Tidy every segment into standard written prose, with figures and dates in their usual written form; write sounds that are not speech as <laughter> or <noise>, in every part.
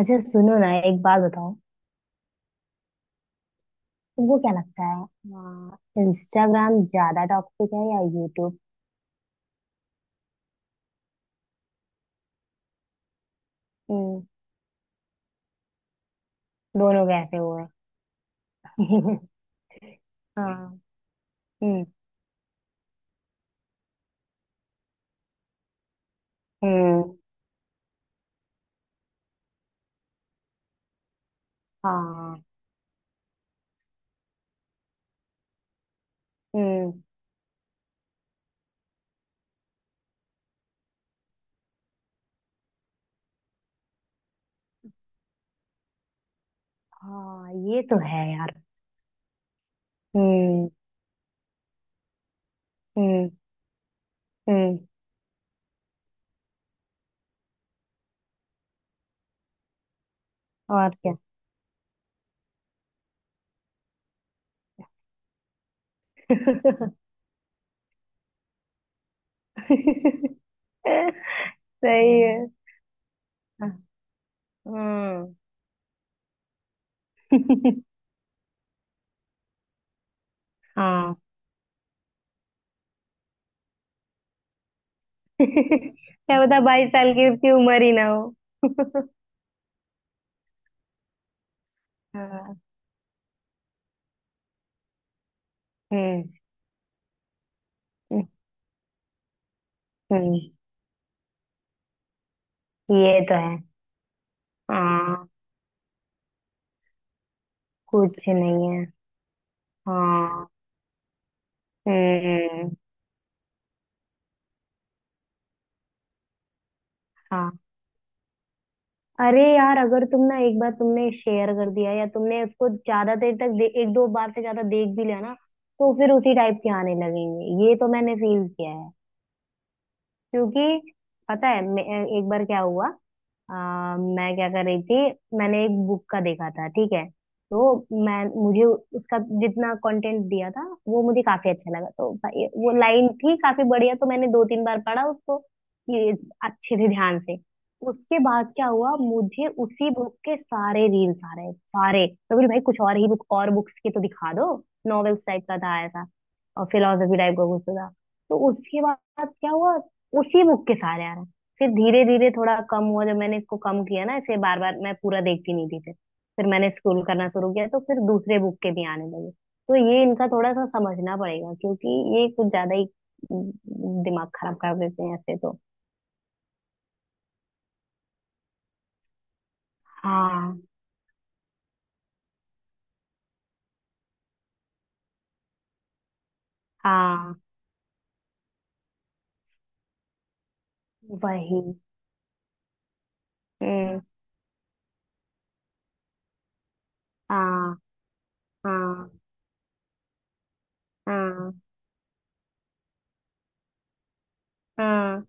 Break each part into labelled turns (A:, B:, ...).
A: अच्छा सुनो ना, एक बात बताओ। तुमको क्या लगता हाँ है, इंस्टाग्राम ज्यादा टॉक्सिक है या यूट्यूब? हम्म। दोनों कैसे हुए? <laughs> हाँ। हम्म। हम्म। हाँ। हम्म। हाँ, ये तो है यार। हम्म। हम्म। हम्म। और क्या। <laughs> सही है। हम्म, <laughs> हम्म। हाँ। <laughs> क्या पता 22 साल की उसकी उम्र ही ना हो। <laughs> हाँ। हम्म। हम्म। ये तो है। हाँ, कुछ नहीं है। हाँ। हम्म। हाँ। अरे यार, अगर तुम ना एक बार तुमने शेयर कर दिया या तुमने उसको ज्यादा देर तक एक दो बार से ज्यादा देख भी लिया ना, तो फिर उसी टाइप के आने लगेंगे। ये तो मैंने फील किया है। क्योंकि पता है एक बार क्या हुआ। अ, मैं क्या कर रही थी। मैंने एक बुक का देखा था, ठीक है। तो मैं मुझे उसका जितना कंटेंट दिया था वो मुझे काफी अच्छा लगा, तो भाई वो लाइन थी काफी बढ़िया। तो मैंने दो तीन बार पढ़ा उसको कि अच्छे से ध्यान से। उसके बाद क्या हुआ, मुझे उसी बुक के सारे रील्स आ रहे सारे। तो बोली भाई, कुछ और ही बुक और बुक्स के तो दिखा दो। नॉवेल्स टाइप का था ऐसा। और फिलोसफी टाइप का कुछ तो था। तो उसके बाद क्या हुआ, उसी बुक के सारे आ रहे। फिर धीरे धीरे थोड़ा कम हुआ जब मैंने इसको कम किया ना, ऐसे बार बार मैं पूरा देखती नहीं थी फिर। फिर मैंने स्क्रॉल करना शुरू किया तो फिर दूसरे बुक के भी आने लगे। तो ये इनका थोड़ा सा समझना पड़ेगा क्योंकि ये कुछ ज्यादा ही उम, दिमाग खराब कर देते हैं ऐसे तो। हाँ। हाँ। वही। हम्म। हाँ। हाँ। हाँ। हाँ।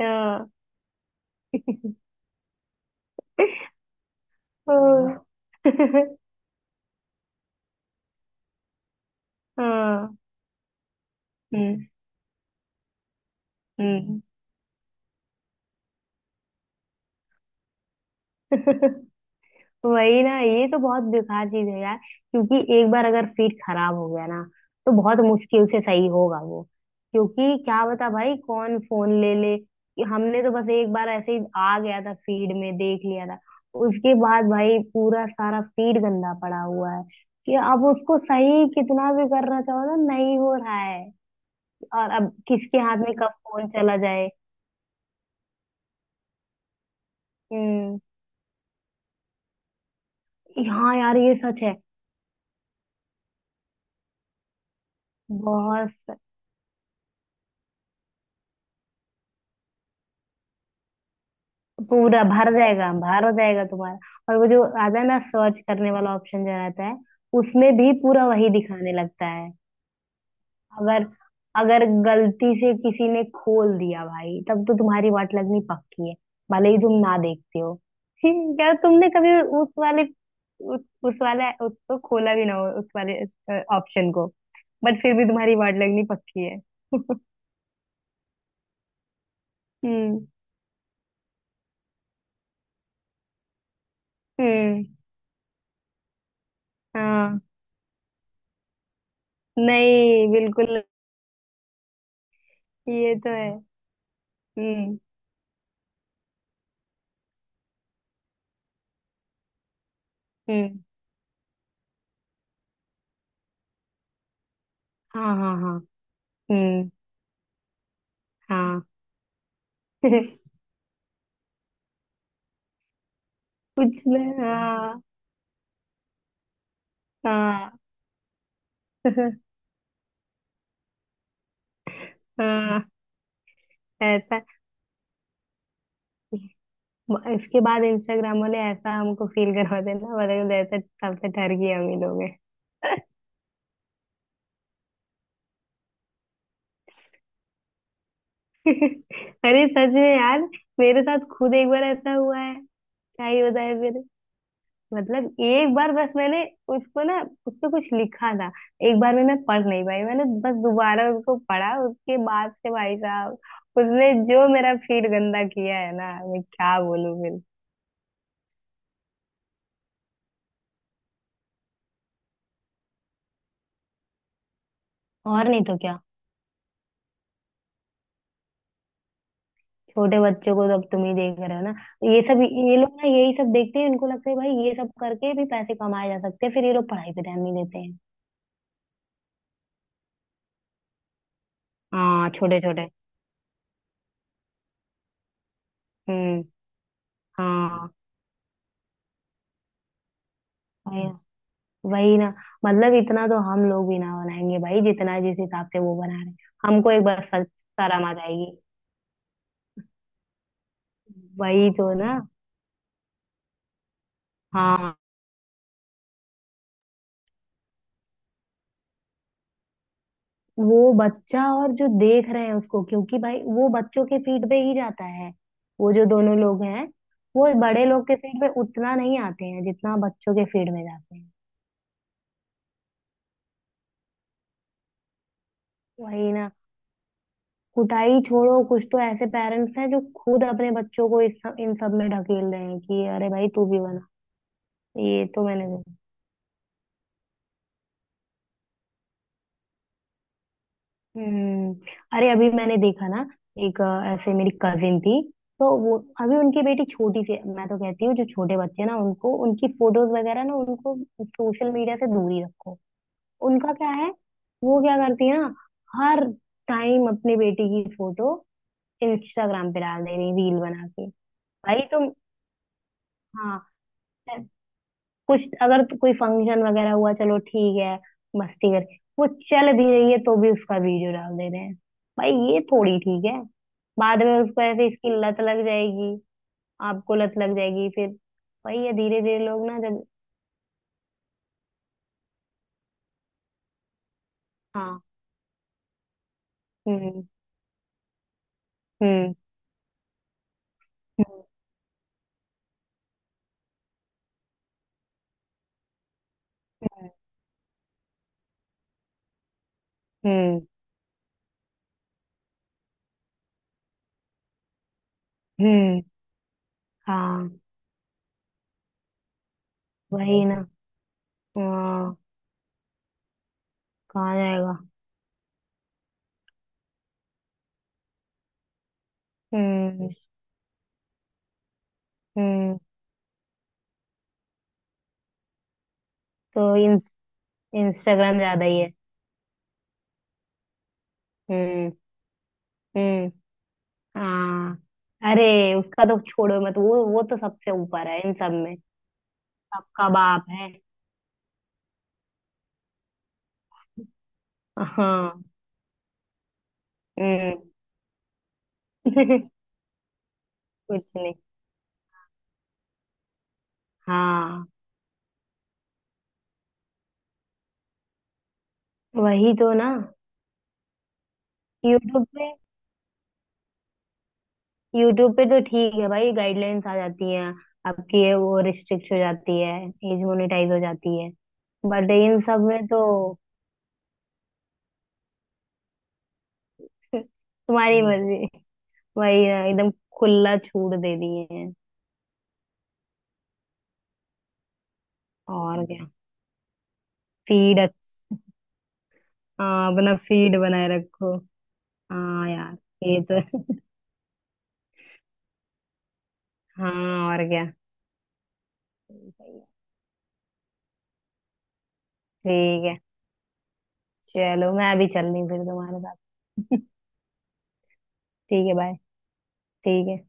A: हाँ। हाँ। <laughs> हाँ, हम्म। हम्म। <laughs> वही ना, ये तो बहुत बेकार चीज है यार। क्योंकि एक बार अगर फीड खराब हो गया ना, तो बहुत मुश्किल से सही होगा वो। क्योंकि क्या बता भाई, कौन फोन ले ले कि हमने तो बस एक बार ऐसे ही आ गया था फीड में देख लिया था। उसके बाद भाई पूरा सारा फीड गंदा पड़ा हुआ है कि अब उसको सही कितना भी करना चाहो ना, नहीं हो रहा है। और अब किसके हाथ में कब फोन चला जाए। हम्म। हाँ यार, ये सच है। बहुत। पूरा भर जाएगा, भर हो जाएगा तुम्हारा। और वो जो आता है ना सर्च करने वाला ऑप्शन जो रहता है, उसमें भी पूरा वही दिखाने लगता है। अगर अगर गलती से किसी ने खोल दिया भाई, तब तो तुम्हारी वाट लगनी पक्की है। भले ही तुम ना देखते हो। फिर क्या तुमने कभी उस वाले उस वाला उसको खोला भी ना हो उस वाले ऑप्शन को। बट फिर भी तुम्हारी वाट लगनी पक्की है। <laughs> हम्म। हम्म। हाँ, नहीं बिल्कुल। ये तो है। हम्म। हम्म। हाँ, हाँ, हाँ। हम्म। हाँ। <laughs> कुछ में हाँ। हाँ। <laughs> हाँ। ऐसा। इसके बाद इंस्टाग्राम वाले ऐसा हमको फील करवा देना, मतलब ऐसा तब से ठहर गए हम ही लोग हैं। <laughs> अरे सच में यार, मेरे साथ खुद एक बार ऐसा हुआ है। क्या ही बताए। मतलब एक बार बस मैंने उसको ना, उस पे कुछ लिखा था। एक बार में मैं पढ़ नहीं पाई, मैंने बस दोबारा उसको पढ़ा। उसके बाद से भाई साहब, उसने जो मेरा फील गंदा किया है ना, मैं क्या बोलूं फिर। और नहीं तो क्या। छोटे बच्चों को तो अब तुम ही देख रहे हो ना, ये सब। ये लोग ना यही सब देखते हैं, इनको लगता है भाई ये सब करके भी पैसे कमाए जा सकते हैं, फिर ये लोग पढ़ाई पे ध्यान नहीं देते हैं। हाँ छोटे छोटे। हम्म। हाँ। भाई। वही ना। मतलब इतना तो हम लोग भी ना बनाएंगे भाई, जितना जिस हिसाब से वो बना रहे हैं। हमको एक बार सच शर्म आ जाएगी। वही तो ना। हाँ। वो बच्चा और जो देख रहे हैं उसको, क्योंकि भाई वो बच्चों के फीड पे ही जाता है। वो जो दोनों लोग हैं वो बड़े लोग के फीड पे उतना नहीं आते हैं, जितना बच्चों के फीड में जाते हैं। वही ना। कुटाई छोड़ो, कुछ तो ऐसे पेरेंट्स हैं जो खुद अपने बच्चों को इन सब में ढकेल रहे हैं कि अरे भाई तू भी बना। ये तो मैंने। हम्म। अरे अभी मैंने देखा ना, ऐसे मेरी कजिन थी। तो वो, अभी उनकी बेटी छोटी सी है। मैं तो कहती हूँ जो छोटे बच्चे ना उनको, उनकी फोटोज वगैरह ना उनको सोशल मीडिया से दूर ही रखो। उनका क्या है, वो क्या करती है ना, हर टाइम अपनी बेटी की फोटो इंस्टाग्राम पे डाल दे रही रील बना के। भाई तुम। हाँ। कुछ अगर तो कोई फंक्शन वगैरह हुआ चलो ठीक है, मस्ती कर। वो चल भी रही है तो भी उसका वीडियो डाल दे रहे हैं। भाई ये थोड़ी ठीक है। बाद में उसको ऐसे इसकी लत लग जाएगी। आपको लत लग जाएगी फिर। वही है, धीरे धीरे लोग ना जब। हाँ। हम्म। हम्म। हम्म। हम्म। हम्म, हाँ। वही ना। हाँ, कहाँ जाएगा। हम्म। हम्म। तो इन इंस्टाग्राम ज्यादा ही है। हम्म। हम्म। हाँ, अरे उसका तो छोड़ो मत, वो तो सबसे ऊपर है इन सब में। सबका बाप है। हाँ। हम्म। <laughs> कुछ नहीं। हाँ, वही तो ना। यूट्यूब पे यूट्यूब पे तो ठीक है भाई, गाइडलाइंस आ जाती हैं, आपकी ये वो रिस्ट्रिक्ट हो जाती है, एज मोनेटाइज हो जाती है। बट इन सब में तो। <laughs> तुम्हारी मर्जी। वही है, एकदम खुला छूट दे दिए हैं। और क्या, फीड। हाँ, अपना फीड बनाए रखो। हाँ यार, ये तो है। <laughs> हाँ और क्या। सही है। ठीक है, चलो मैं अभी चल रही हूँ फिर तुम्हारे साथ। <laughs> ठीक है बाय। ठीक है।